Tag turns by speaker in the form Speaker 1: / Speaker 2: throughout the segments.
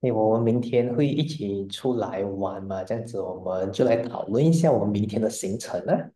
Speaker 1: 因为我们明天会一起出来玩嘛？这样子，我们就来讨论一下我们明天的行程啊。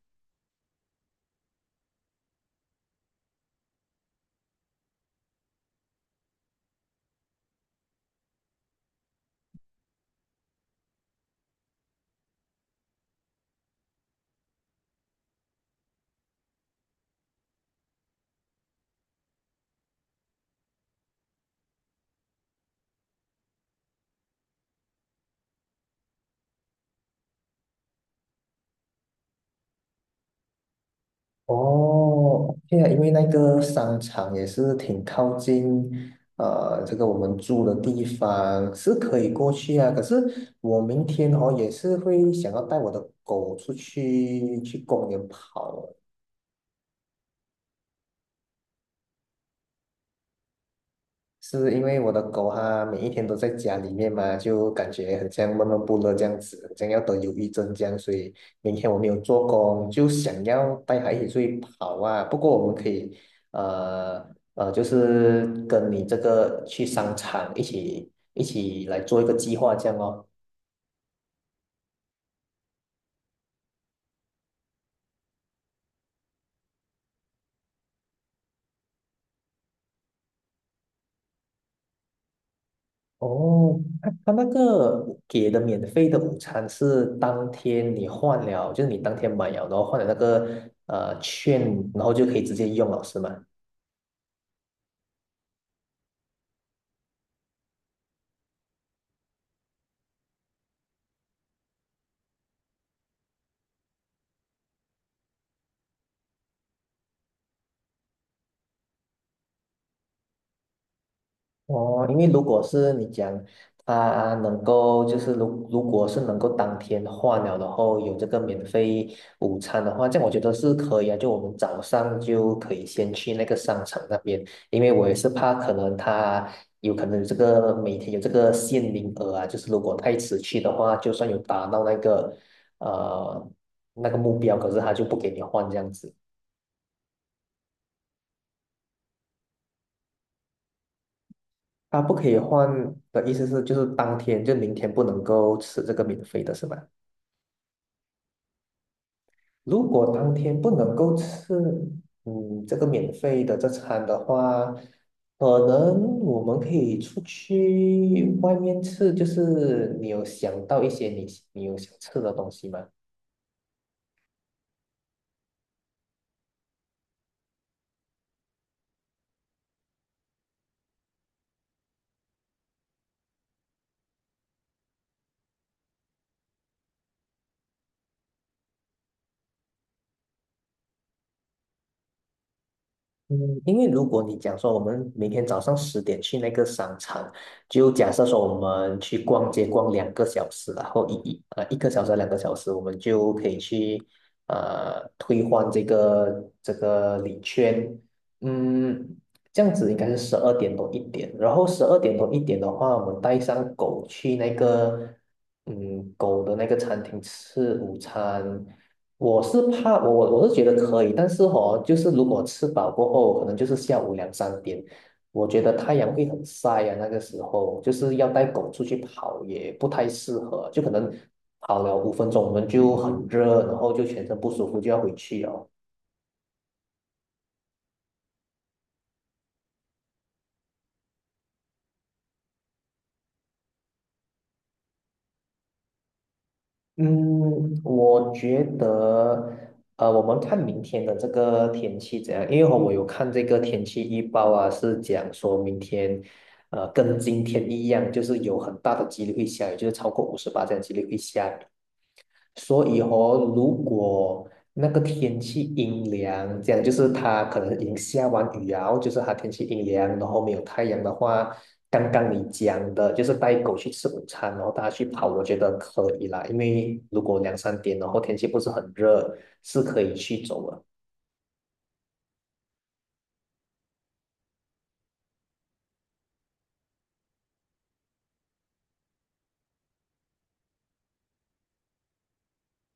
Speaker 1: 哦，对啊，因为那个商场也是挺靠近，这个我们住的地方是可以过去啊。可是我明天哦也是会想要带我的狗出去去公园跑啊。是因为我的狗它每一天都在家里面嘛，就感觉很像闷闷不乐这样子，很像要得忧郁症这样，所以明天我没有做工，就想要带它一起出去跑啊。不过我们可以，呃就是跟你这个去商场一起来做一个计划这样哦。哦，他那个给的免费的午餐是当天你换了，就是你当天买了，然后换了那个券，然后就可以直接用了，是吗？哦，因为如果是你讲他能够，就是如果是能够当天换了，然后有这个免费午餐的话，这样我觉得是可以啊。就我们早上就可以先去那个商场那边，因为我也是怕可能他有可能有这个每天有这个限名额啊，就是如果太迟去的话，就算有达到那个呃那个目标，可是他就不给你换这样子。他不可以换的意思是，就是当天就明天不能够吃这个免费的是吧？如果当天不能够吃，嗯，这个免费的这餐的话，可能我们可以出去外面吃，就是你有想到一些你有想吃的东西吗？嗯，因为如果你讲说我们明天早上十点去那个商场，就假设说我们去逛街逛两个小时啦，然后1个小时两个小时，我们就可以去退换这个礼券，嗯，这样子应该是十二点多一点，然后十二点多一点的话，我们带上狗去那个狗的那个餐厅吃午餐。我是怕我是觉得可以，但是哦，就是如果吃饱过后，可能就是下午两三点，我觉得太阳会很晒啊，那个时候就是要带狗出去跑也不太适合，就可能跑了5分钟我们就很热，然后就全身不舒服就要回去哦。嗯，我觉得，我们看明天的这个天气怎样？因为我有看这个天气预报啊，是讲说明天，跟今天一样，就是有很大的几率会下雨，就是超过58这样几率会下雨。所以哦，如果那个天气阴凉，这样就是它可能已经下完雨啊，就是它天气阴凉，然后没有太阳的话，刚刚你讲的就是带狗去吃午餐，然后大家去跑，我觉得可以啦，因为如果两三点，然后天气不是很热，是可以去走的。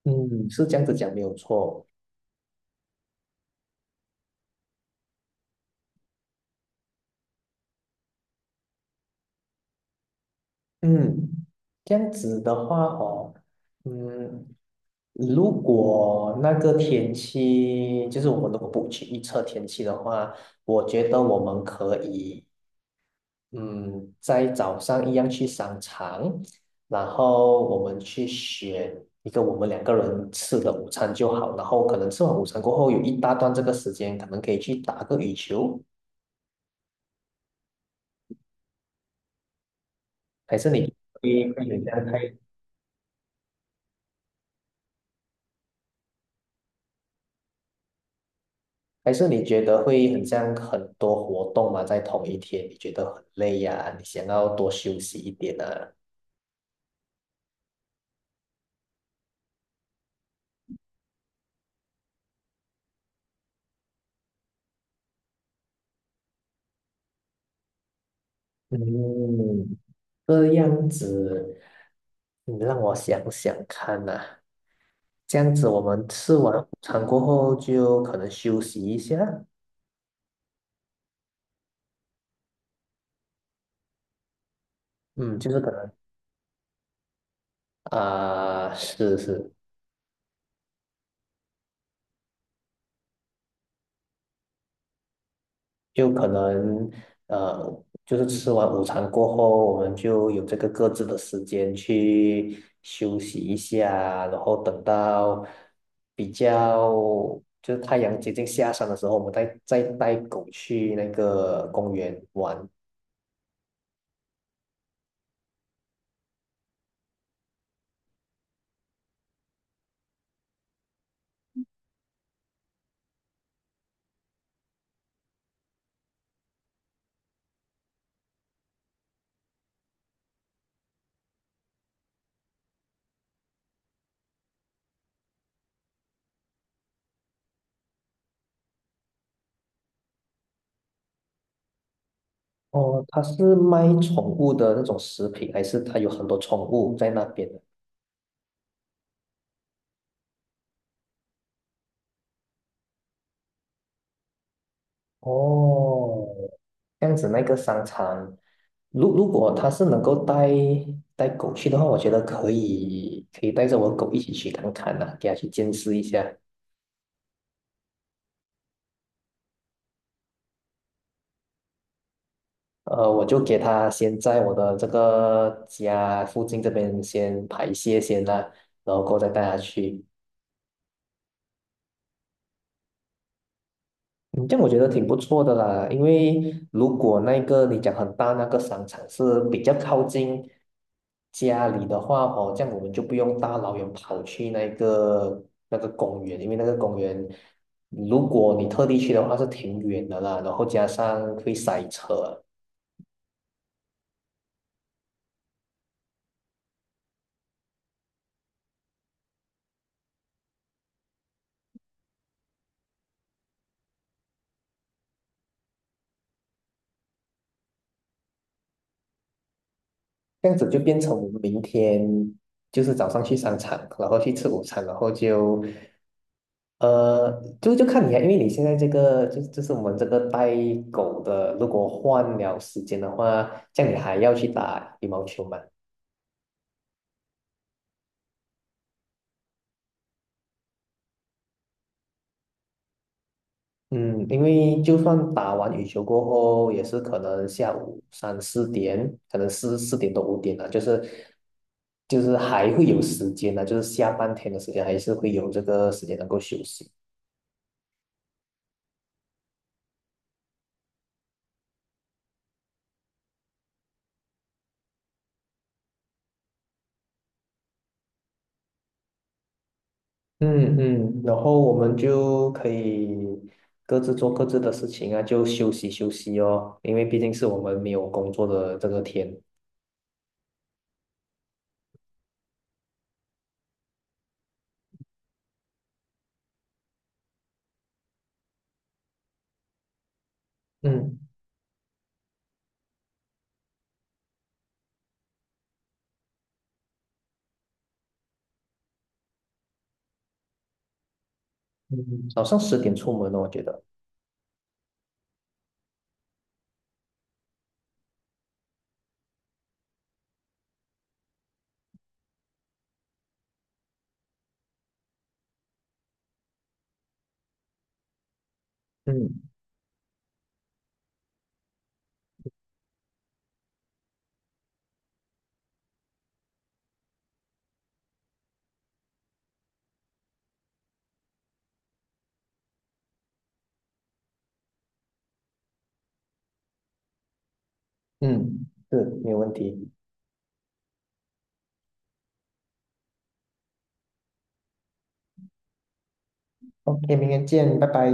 Speaker 1: 嗯，是这样子讲没有错。嗯，这样子的话哦，嗯，如果那个天气，就是我们如果不去预测天气的话，我觉得我们可以，嗯，在早上一样去商场，然后我们去选一个我们两个人吃的午餐就好，然后可能吃完午餐过后有一大段这个时间，可能可以去打个羽球，还是你会有这样太，还是你觉得会很像很多活动嘛，在同一天，你觉得很累呀、你想要多休息一点啊？嗯，这样子，你让我想想看呐、这样子，我们吃完午餐过后就可能休息一下，嗯，就是可能啊、是是，就可能呃，就是吃完午餐过后，我们就有这个各自的时间去休息一下，然后等到比较就是太阳接近下山的时候，我们再带狗去那个公园玩。哦，他是卖宠物的那种食品，还是他有很多宠物在那边？哦，这样子那个商场，如果他是能够带狗去的话，我觉得可以带着我狗一起去看看呐、给它去见识一下。我就给它先在我的这个家附近这边先排泄先啦、然后过后再带它去。嗯，这样我觉得挺不错的啦，因为如果那个你讲很大那个商场是比较靠近家里的话哦，这样我们就不用大老远跑去那个公园，因为那个公园如果你特地去的话是挺远的啦，然后加上会塞车。这样子就变成我们明天就是早上去商场，然后去吃午餐，然后就就看你啊，因为你现在这个就是我们这个带狗的，如果换了时间的话，这样你还要去打羽毛球吗？嗯，因为就算打完羽球过后，也是可能下午三四点，可能四点多五点了，就是还会有时间呢，就是下半天的时间还是会有这个时间能够休息。嗯嗯，然后我们就可以各自做各自的事情啊，就休息休息哦，因为毕竟是我们没有工作的这个天。嗯嗯，早上十点出门哦，我觉得。嗯嗯，是，没有问题。OK,明天见，拜拜。